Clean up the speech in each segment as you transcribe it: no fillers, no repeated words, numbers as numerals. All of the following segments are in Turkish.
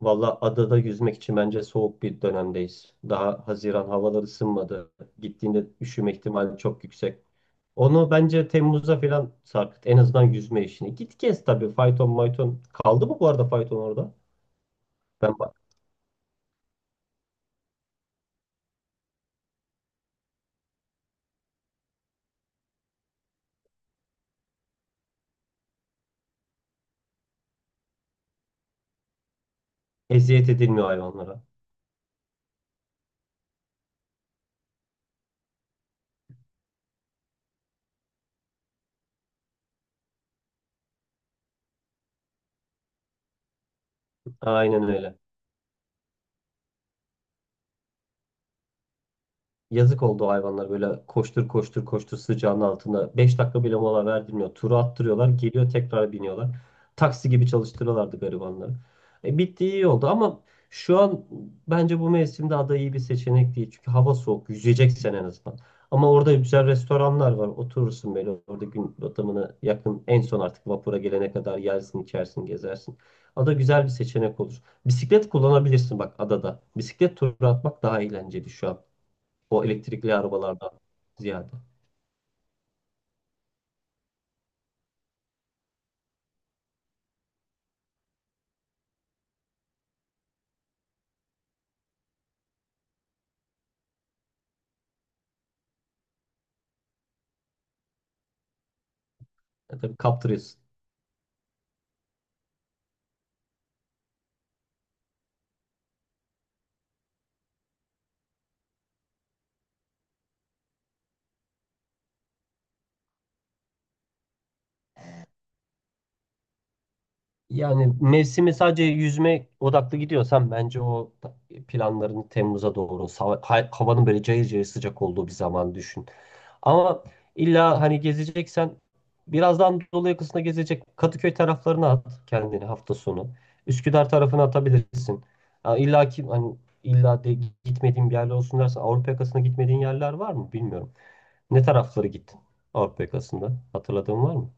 Valla adada yüzmek için bence soğuk bir dönemdeyiz. Daha Haziran havalar ısınmadı. Gittiğinde üşüme ihtimali çok yüksek. Onu bence Temmuz'a falan sarkıt. En azından yüzme işini. Git gez tabii. Fayton mayton. Kaldı mı bu arada fayton orada? Ben bak. Eziyet edilmiyor hayvanlara. Aynen öyle. Yazık oldu o hayvanlar böyle koştur koştur koştur sıcağın altında. Beş dakika bile mola verdirmiyor. Turu attırıyorlar. Geliyor tekrar biniyorlar. Taksi gibi çalıştırıyorlardı garibanları. Bitti iyi oldu ama şu an bence bu mevsimde ada iyi bir seçenek değil. Çünkü hava soğuk. Yüzeceksen en azından. Ama orada güzel restoranlar var. Oturursun böyle orada gün batımına yakın en son artık vapura gelene kadar yersin, içersin, gezersin. Ada güzel bir seçenek olur. Bisiklet kullanabilirsin bak adada. Bisiklet turu atmak daha eğlenceli şu an. O elektrikli arabalardan ziyade. Ya tabii kaptırıyorsun. Yani mevsimi sadece yüzme odaklı gidiyorsan bence planlarını Temmuz'a doğru havanın böyle cayır cayır sıcak olduğu bir zaman düşün. Ama illa hani gezeceksen biraz daha Anadolu yakasında gezecek Kadıköy taraflarına at kendini hafta sonu. Üsküdar tarafına atabilirsin. Ha, illa ki hani illa de gitmediğin bir yerler olsun dersen Avrupa yakasına gitmediğin yerler var mı bilmiyorum. Ne tarafları gittin Avrupa yakasında? Hatırladığın var mı?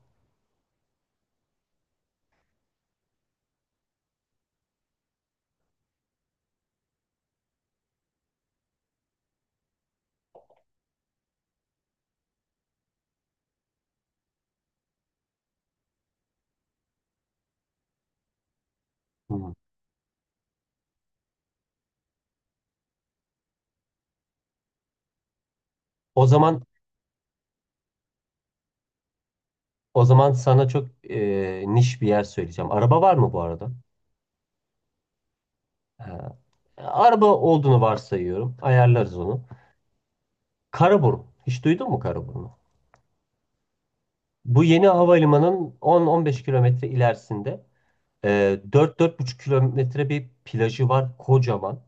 Hmm. O zaman o zaman sana çok niş bir yer söyleyeceğim. Araba var mı bu arada? Ha. Araba olduğunu varsayıyorum. Ayarlarız onu. Karaburun. Hiç duydun mu Karaburun'u? Bu yeni havalimanının 10-15 kilometre ilerisinde. 4,5 kilometre bir plajı var kocaman.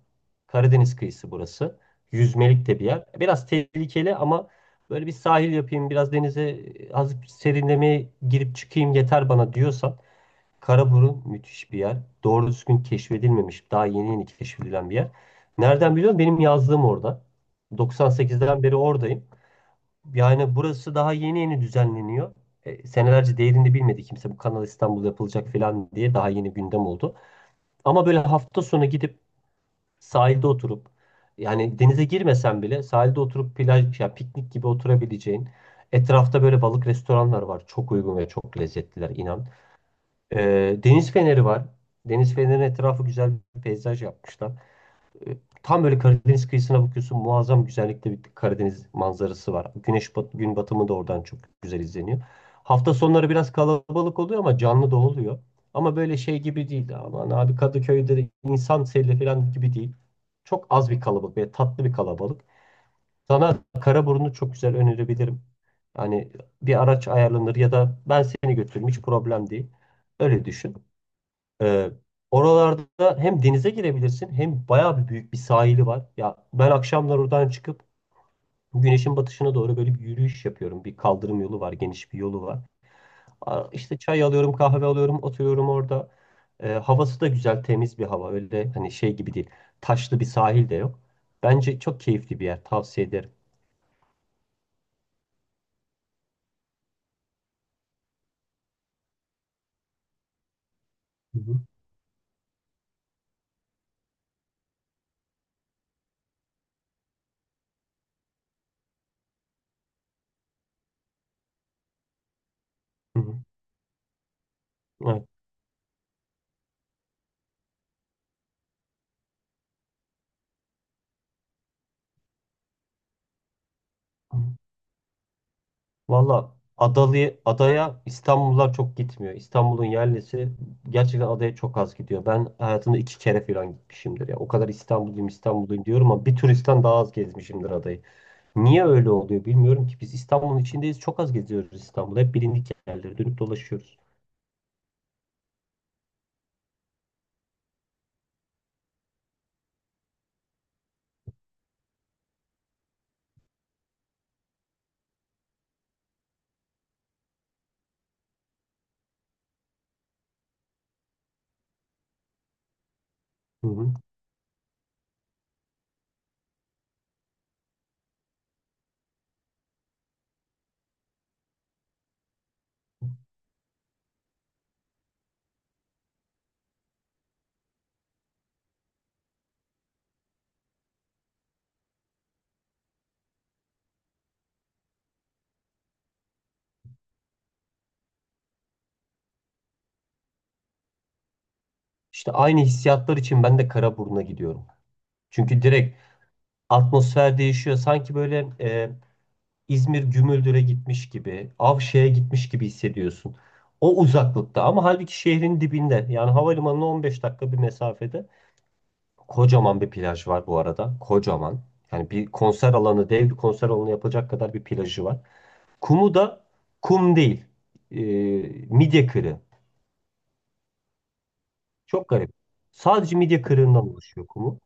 Karadeniz kıyısı burası. Yüzmelik de bir yer. Biraz tehlikeli ama böyle bir sahil yapayım, biraz denize az serinlemeye girip çıkayım yeter bana diyorsan Karaburun müthiş bir yer. Doğru düzgün keşfedilmemiş, daha yeni yeni keşfedilen bir yer. Nereden biliyorum? Benim yazlığım orada. 98'den beri oradayım. Yani burası daha yeni yeni düzenleniyor. Senelerce değerini bilmedi kimse, bu Kanal İstanbul yapılacak falan diye daha yeni gündem oldu. Ama böyle hafta sonu gidip sahilde oturup, yani denize girmesen bile sahilde oturup plaj ya piknik gibi oturabileceğin, etrafta böyle balık restoranlar var. Çok uygun ve çok lezzetliler inan. E, Deniz feneri var. Deniz fenerinin etrafı güzel bir peyzaj yapmışlar. E, Tam böyle Karadeniz kıyısına bakıyorsun. Muazzam güzellikte bir Karadeniz manzarası var. Güneş bat, gün batımı da oradan çok güzel izleniyor. Hafta sonları biraz kalabalık oluyor ama canlı da oluyor. Ama böyle şey gibi değil. Aman abi, Kadıköy'de de insan seli falan gibi değil. Çok az bir kalabalık ve tatlı bir kalabalık. Sana Karaburun'u çok güzel önerebilirim. Hani bir araç ayarlanır ya da ben seni götürürüm, hiç problem değil. Öyle düşün. Ee, Oralarda hem denize girebilirsin hem bayağı bir büyük bir sahili var. Ya ben akşamlar oradan çıkıp güneşin batışına doğru böyle bir yürüyüş yapıyorum. Bir kaldırım yolu var, geniş bir yolu var. Aa, İşte çay alıyorum, kahve alıyorum, oturuyorum orada. Havası da güzel, temiz bir hava. Öyle hani şey gibi değil. Taşlı bir sahil de yok. Bence çok keyifli bir yer. Tavsiye ederim. Hı hı. Hı hı. Evet. Valla Adalı, adaya İstanbullular çok gitmiyor. İstanbul'un yerlisi gerçekten adaya çok az gidiyor. Ben hayatımda 2 kere falan gitmişimdir ya. O kadar İstanbulluyum İstanbulluyum diyorum ama bir turistten daha az gezmişimdir adayı. Niye öyle oluyor bilmiyorum ki. Biz İstanbul'un içindeyiz, çok az geziyoruz İstanbul'da. Hep bilindik yerlere dönüp dolaşıyoruz. Hı hı. İşte aynı hissiyatlar için ben de Karaburun'a gidiyorum. Çünkü direkt atmosfer değişiyor. Sanki böyle İzmir Gümüldür'e gitmiş gibi, Avşe'ye gitmiş gibi hissediyorsun. O uzaklıkta ama halbuki şehrin dibinde, yani havalimanına 15 dakika bir mesafede kocaman bir plaj var bu arada. Kocaman. Yani bir konser alanı, dev bir konser alanı yapacak kadar bir plajı var. Kumu da kum değil. e, Midye kırığı. Çok garip. Sadece midye kırığından oluşuyor kumu.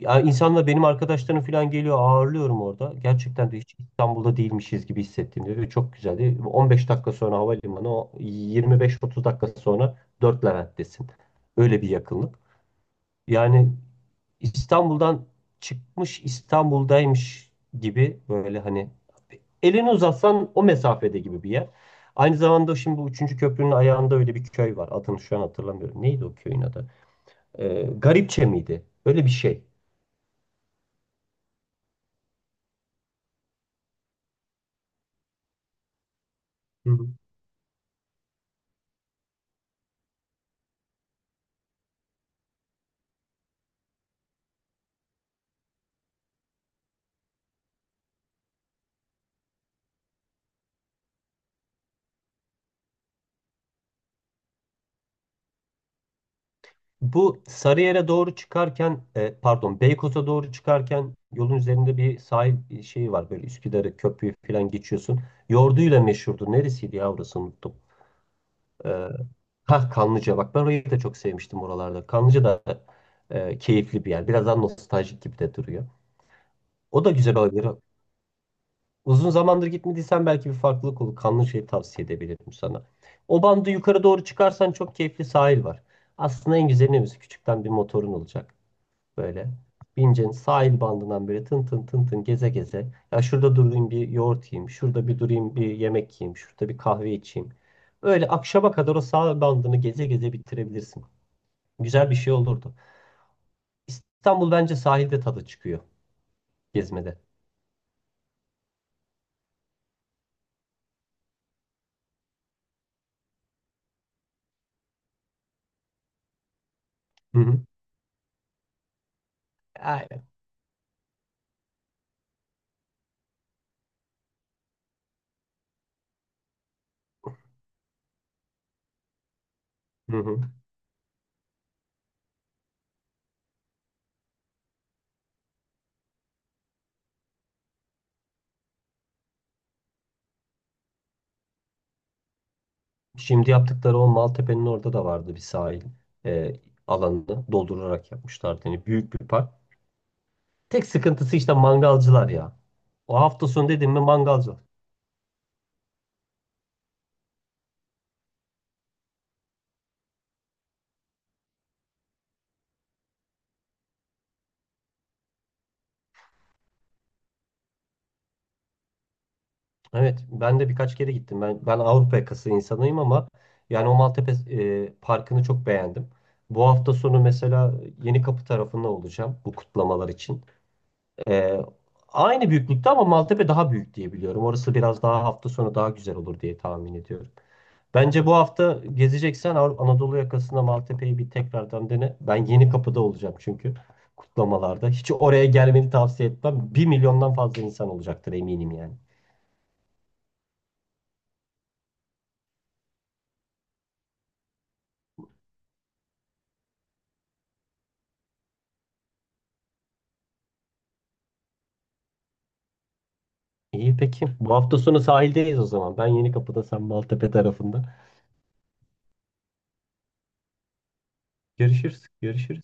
Ya insanla benim arkadaşlarım falan geliyor, ağırlıyorum orada. Gerçekten de hiç İstanbul'da değilmişiz gibi hissettim diyor. Ve çok güzeldi. 15 dakika sonra havalimanı, o 25-30 dakika sonra 4 Levent'tesin. Öyle bir yakınlık. Yani İstanbul'dan çıkmış İstanbul'daymış gibi, böyle hani elini uzatsan o mesafede gibi bir yer. Aynı zamanda şimdi bu 3. köprünün ayağında öyle bir köy var. Adını şu an hatırlamıyorum. Neydi o köyün adı? Garipçe miydi? Öyle bir şey. Hı. Bu Sarıyer'e doğru çıkarken, pardon, Beykoz'a doğru çıkarken yolun üzerinde bir sahil şeyi var. Böyle Üsküdar'ı, köprüyü falan geçiyorsun. Yoğurduyla meşhurdu. Neresiydi ya orası, unuttum. E, ha, Kanlıca, bak ben orayı da çok sevmiştim oralarda. Kanlıca da keyifli bir yer. Biraz daha nostaljik gibi de duruyor. O da güzel olabilir. Uzun zamandır gitmediysen belki bir farklılık olur. Kanlıca'yı tavsiye edebilirim sana. O bandı yukarı doğru çıkarsan çok keyifli sahil var. Aslında en güzeli ne biliyor, Küçükten bir motorun olacak. Böyle. Bineceksin sahil bandından böyle tın tın tın tın geze geze. Ya şurada durayım bir yoğurt yiyeyim. Şurada bir durayım bir yemek yiyeyim. Şurada bir kahve içeyim. Öyle akşama kadar o sahil bandını geze geze bitirebilirsin. Güzel bir şey olurdu. İstanbul bence sahilde tadı çıkıyor gezmede. Hı hı. Aynen. Hı hı. Şimdi yaptıkları o Maltepe'nin orada da vardı bir sahil e, alanını doldurarak yapmışlardı. Yani büyük bir park. Tek sıkıntısı işte mangalcılar ya. O hafta sonu dedim mi mangalcı. Evet, ben de birkaç kere gittim. Ben Avrupa yakası insanıyım ama yani o Maltepe Parkı'nı çok beğendim. Bu hafta sonu mesela Yenikapı tarafında olacağım bu kutlamalar için. E, Aynı büyüklükte ama Maltepe daha büyük diye biliyorum. Orası biraz daha hafta sonu daha güzel olur diye tahmin ediyorum. Bence bu hafta gezeceksen Anadolu yakasında Maltepe'yi bir tekrardan dene. Ben Yenikapı'da olacağım çünkü kutlamalarda. Hiç oraya gelmeni tavsiye etmem. Bir milyondan fazla insan olacaktır, eminim yani. İyi peki. Bu hafta sonu sahildeyiz o zaman. Ben Yenikapı'da, sen Maltepe tarafında. Görüşürüz. Görüşürüz.